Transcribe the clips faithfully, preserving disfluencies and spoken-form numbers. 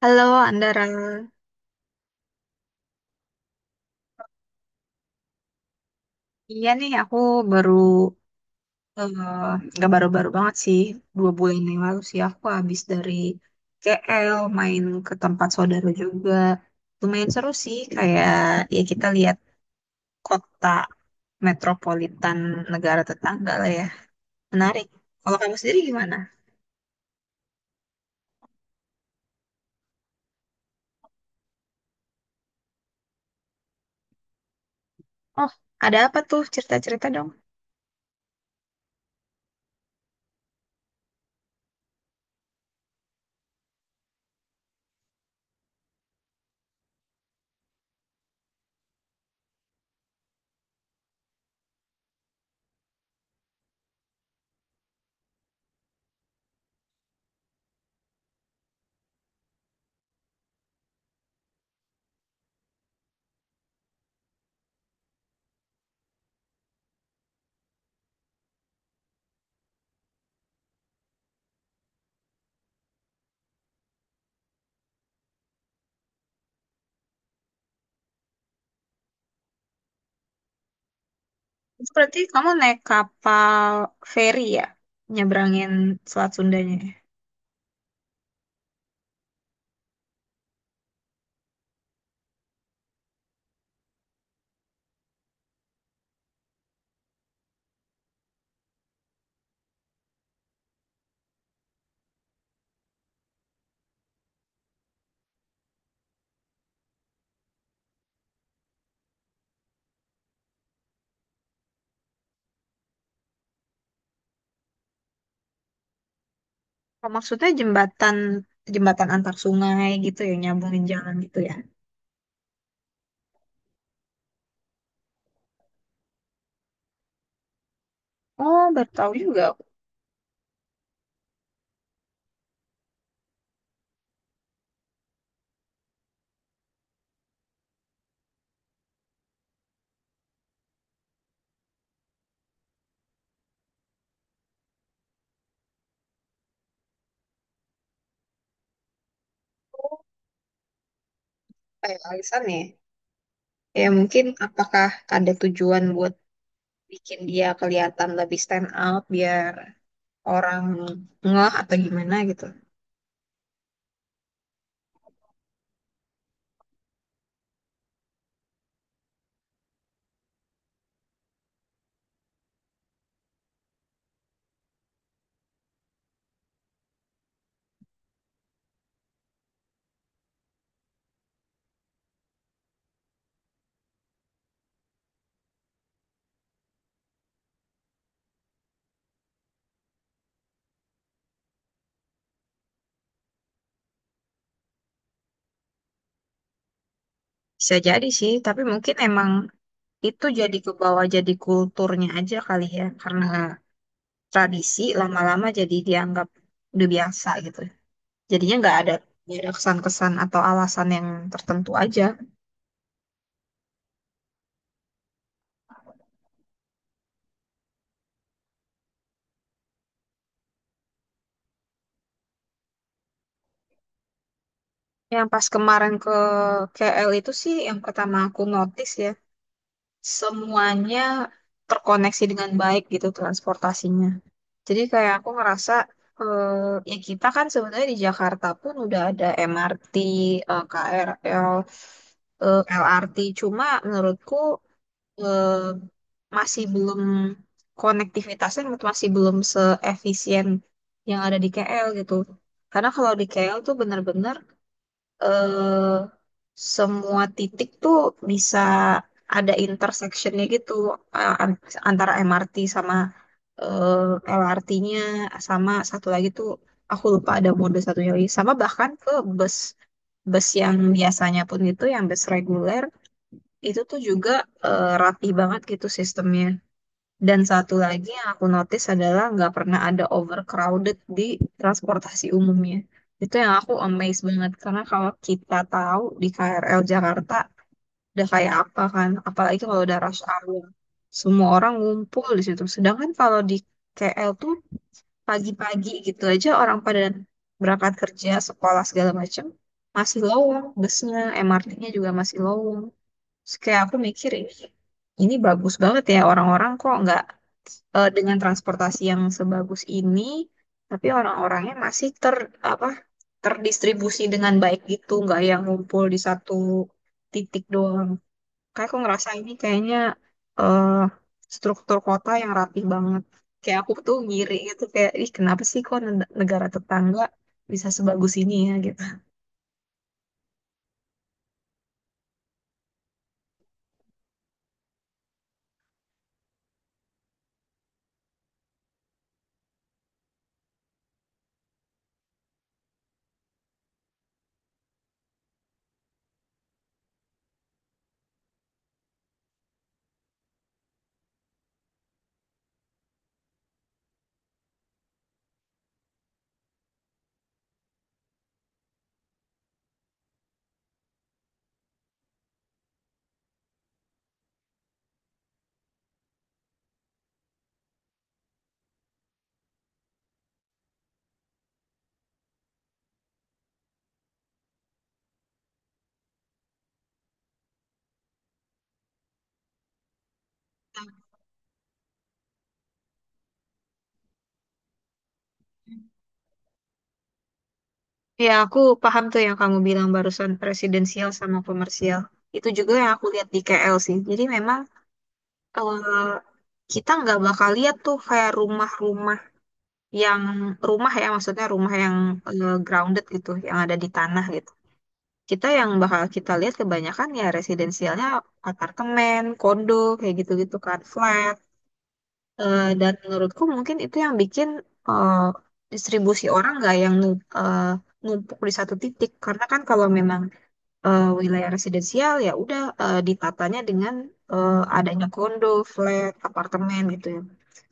Halo Andara, iya nih aku baru eh, nggak baru-baru banget sih dua bulan yang lalu sih aku habis dari K L, main ke tempat saudara juga, lumayan seru sih kayak ya kita lihat kota metropolitan negara tetangga lah ya, menarik. Kalau kamu sendiri gimana? Oh, ada apa tuh, cerita-cerita dong? Itu berarti kamu naik kapal feri ya, nyebrangin Selat Sundanya? Oh, maksudnya jembatan jembatan antar sungai gitu ya, nyambungin jalan gitu ya. Oh, baru tahu juga aku, kayak Alisan ya. Ya mungkin apakah ada tujuan buat bikin dia kelihatan lebih stand out biar orang ngeh atau gimana gitu. Bisa jadi sih, tapi mungkin emang itu jadi ke bawah jadi kulturnya aja kali ya, karena tradisi lama-lama jadi dianggap udah biasa gitu. Jadinya nggak ada nggak ada kesan-kesan atau alasan yang tertentu aja. Yang pas kemarin ke K L itu sih yang pertama aku notice ya, semuanya terkoneksi dengan baik gitu transportasinya. Jadi kayak aku ngerasa eh, ya kita kan sebenarnya di Jakarta pun udah ada M R T, eh, K R L, eh, L R T. Cuma menurutku eh, masih belum konektivitasnya menurut- masih belum seefisien yang ada di K L gitu. Karena kalau di K L tuh bener-bener eh, semua titik tuh bisa ada intersectionnya gitu, eh, an- antara M R T sama eh, L R T-nya, sama satu lagi tuh aku lupa ada mode satunya lagi, sama bahkan ke bus bus yang biasanya pun, itu yang bus reguler itu tuh juga eh, rapi banget gitu sistemnya. Dan satu lagi yang aku notice adalah nggak pernah ada overcrowded di transportasi umumnya. Itu yang aku amazed banget karena kalau kita tahu di K R L Jakarta udah kayak apa kan, apalagi kalau udah rush hour, semua orang ngumpul di situ. Sedangkan kalau di K L tuh pagi-pagi gitu aja orang pada berangkat kerja, sekolah segala macem, masih lowong, busnya, M R T-nya juga masih lowong. Terus kayak aku mikir, "Ih, ini bagus banget ya, orang-orang kok nggak eh, dengan transportasi yang sebagus ini, tapi orang-orangnya masih ter apa terdistribusi dengan baik gitu, nggak yang ngumpul di satu titik doang. Kayak aku ngerasa ini kayaknya eh struktur kota yang rapi banget. Kayak aku tuh ngiri gitu kayak, ih kenapa sih kok ne- negara tetangga bisa sebagus ini ya gitu. Ya, aku paham tuh yang kamu bilang barusan presidensial sama komersial. Itu juga yang aku lihat di K L sih. Jadi memang eh, kita nggak bakal lihat tuh kayak rumah-rumah yang rumah, ya maksudnya rumah yang eh, grounded gitu, yang ada di tanah gitu. Kita yang bakal kita lihat kebanyakan ya residensialnya apartemen, kondo kayak gitu-gitu kan, flat. Eh, dan menurutku mungkin itu yang bikin eh, distribusi orang nggak yang nu- eh, numpuk di satu titik, karena kan kalau memang eh, wilayah residensial ya udah eh, ditatanya dengan eh, adanya kondo, flat, apartemen gitu ya.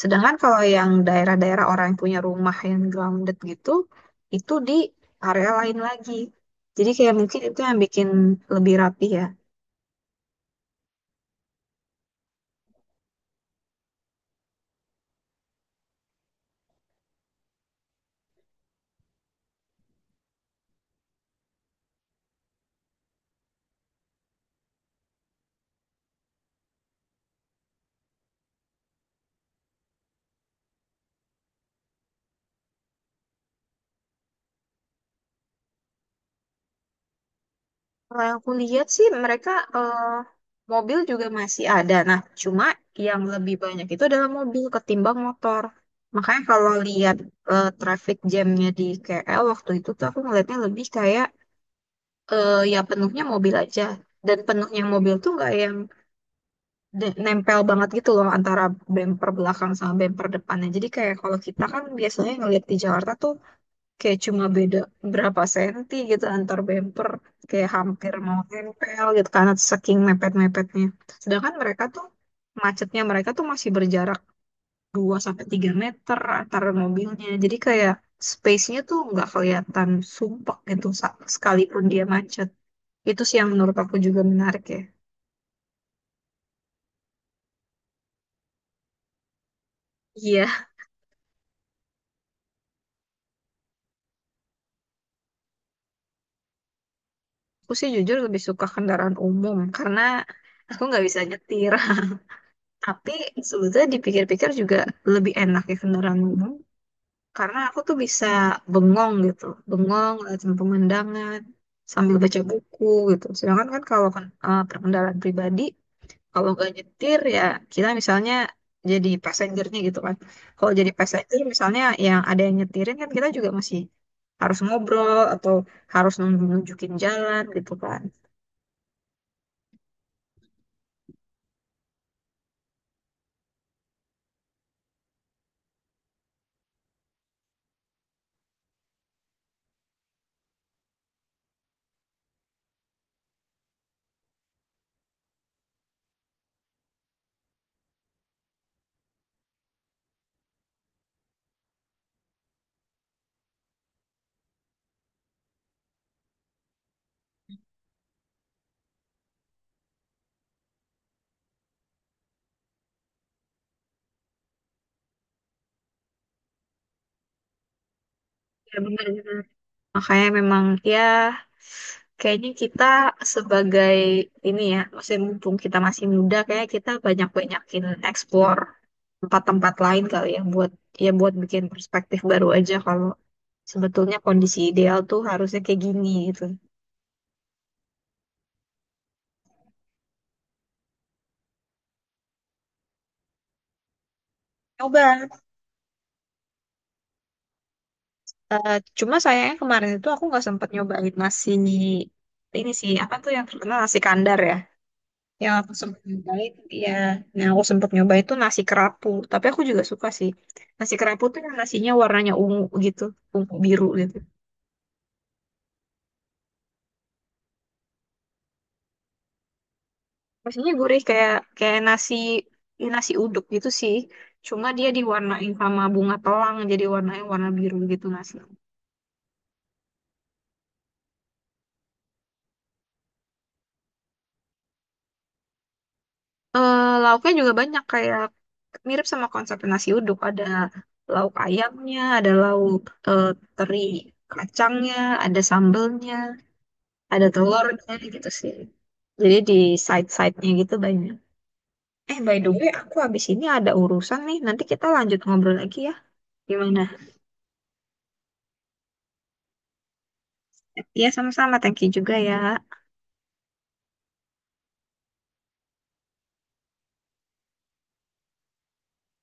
Sedangkan kalau yang daerah-daerah orang yang punya rumah yang grounded gitu, itu di area lain lagi. Jadi kayak mungkin itu yang bikin lebih rapi ya. Kalau yang aku lihat sih mereka eh, mobil juga masih ada. Nah, cuma yang lebih banyak itu adalah mobil ketimbang motor. Makanya kalau lihat eh, traffic jamnya di K L waktu itu tuh aku ngeliatnya lebih kayak eh ya penuhnya mobil aja, dan penuhnya mobil tuh nggak yang de- nempel banget gitu loh, antara bemper belakang sama bemper depannya. Jadi kayak kalau kita kan biasanya ngeliat di Jakarta tuh kayak cuma beda berapa senti gitu antar bemper, kayak hampir mau nempel gitu karena saking mepet-mepetnya. Sedangkan mereka tuh macetnya mereka tuh masih berjarak dua sampai tiga meter antar mobilnya, jadi kayak space-nya tuh nggak kelihatan sumpek gitu, sa- sekalipun dia macet. Itu sih yang menurut aku juga menarik ya. Iya, aku sih jujur lebih suka kendaraan umum karena aku nggak bisa nyetir. Tapi sebetulnya dipikir-pikir juga lebih enak ya kendaraan umum, karena aku tuh bisa bengong gitu, bengong ngeliatin pemandangan sambil baca buku gitu. Sedangkan kan kalau kan, eh, perkendaraan pribadi, kalau nggak nyetir ya kita misalnya jadi passengernya gitu kan. Kalau jadi passenger misalnya yang ada yang nyetirin, kan kita juga masih harus ngobrol atau harus nun- nunjukin jalan gitu kan. Ya benar-benar. Makanya memang ya kayaknya kita sebagai ini ya, masih mumpung kita masih muda, kayak kita banyak-banyakin explore tempat-tempat lain kali ya, buat ya buat bikin perspektif baru aja kalau sebetulnya kondisi ideal tuh harusnya kayak gini gitu. Coba. Eh, cuma sayangnya kemarin itu aku nggak sempat nyobain nasi ini sih apa tuh yang terkenal, nasi kandar ya. Yang aku sempat nyobain ya, yang aku sempat nyobain itu nasi kerapu. Tapi aku juga suka sih. Nasi kerapu tuh yang nasinya warnanya ungu gitu, ungu biru gitu. Nasinya gurih kayak kayak nasi nasi uduk gitu sih. Cuma dia diwarnain sama bunga telang, jadi warnanya warna biru gitu nasi. Eh, lauknya juga banyak, kayak mirip sama konsep nasi uduk, ada lauk ayamnya, ada lauk eh, teri kacangnya, ada sambelnya, ada telurnya gitu sih, jadi di side-side-nya gitu banyak. Eh by the way, aku habis ini ada urusan nih, nanti kita lanjut ngobrol lagi ya, gimana. Ya sama-sama, thank you juga ya.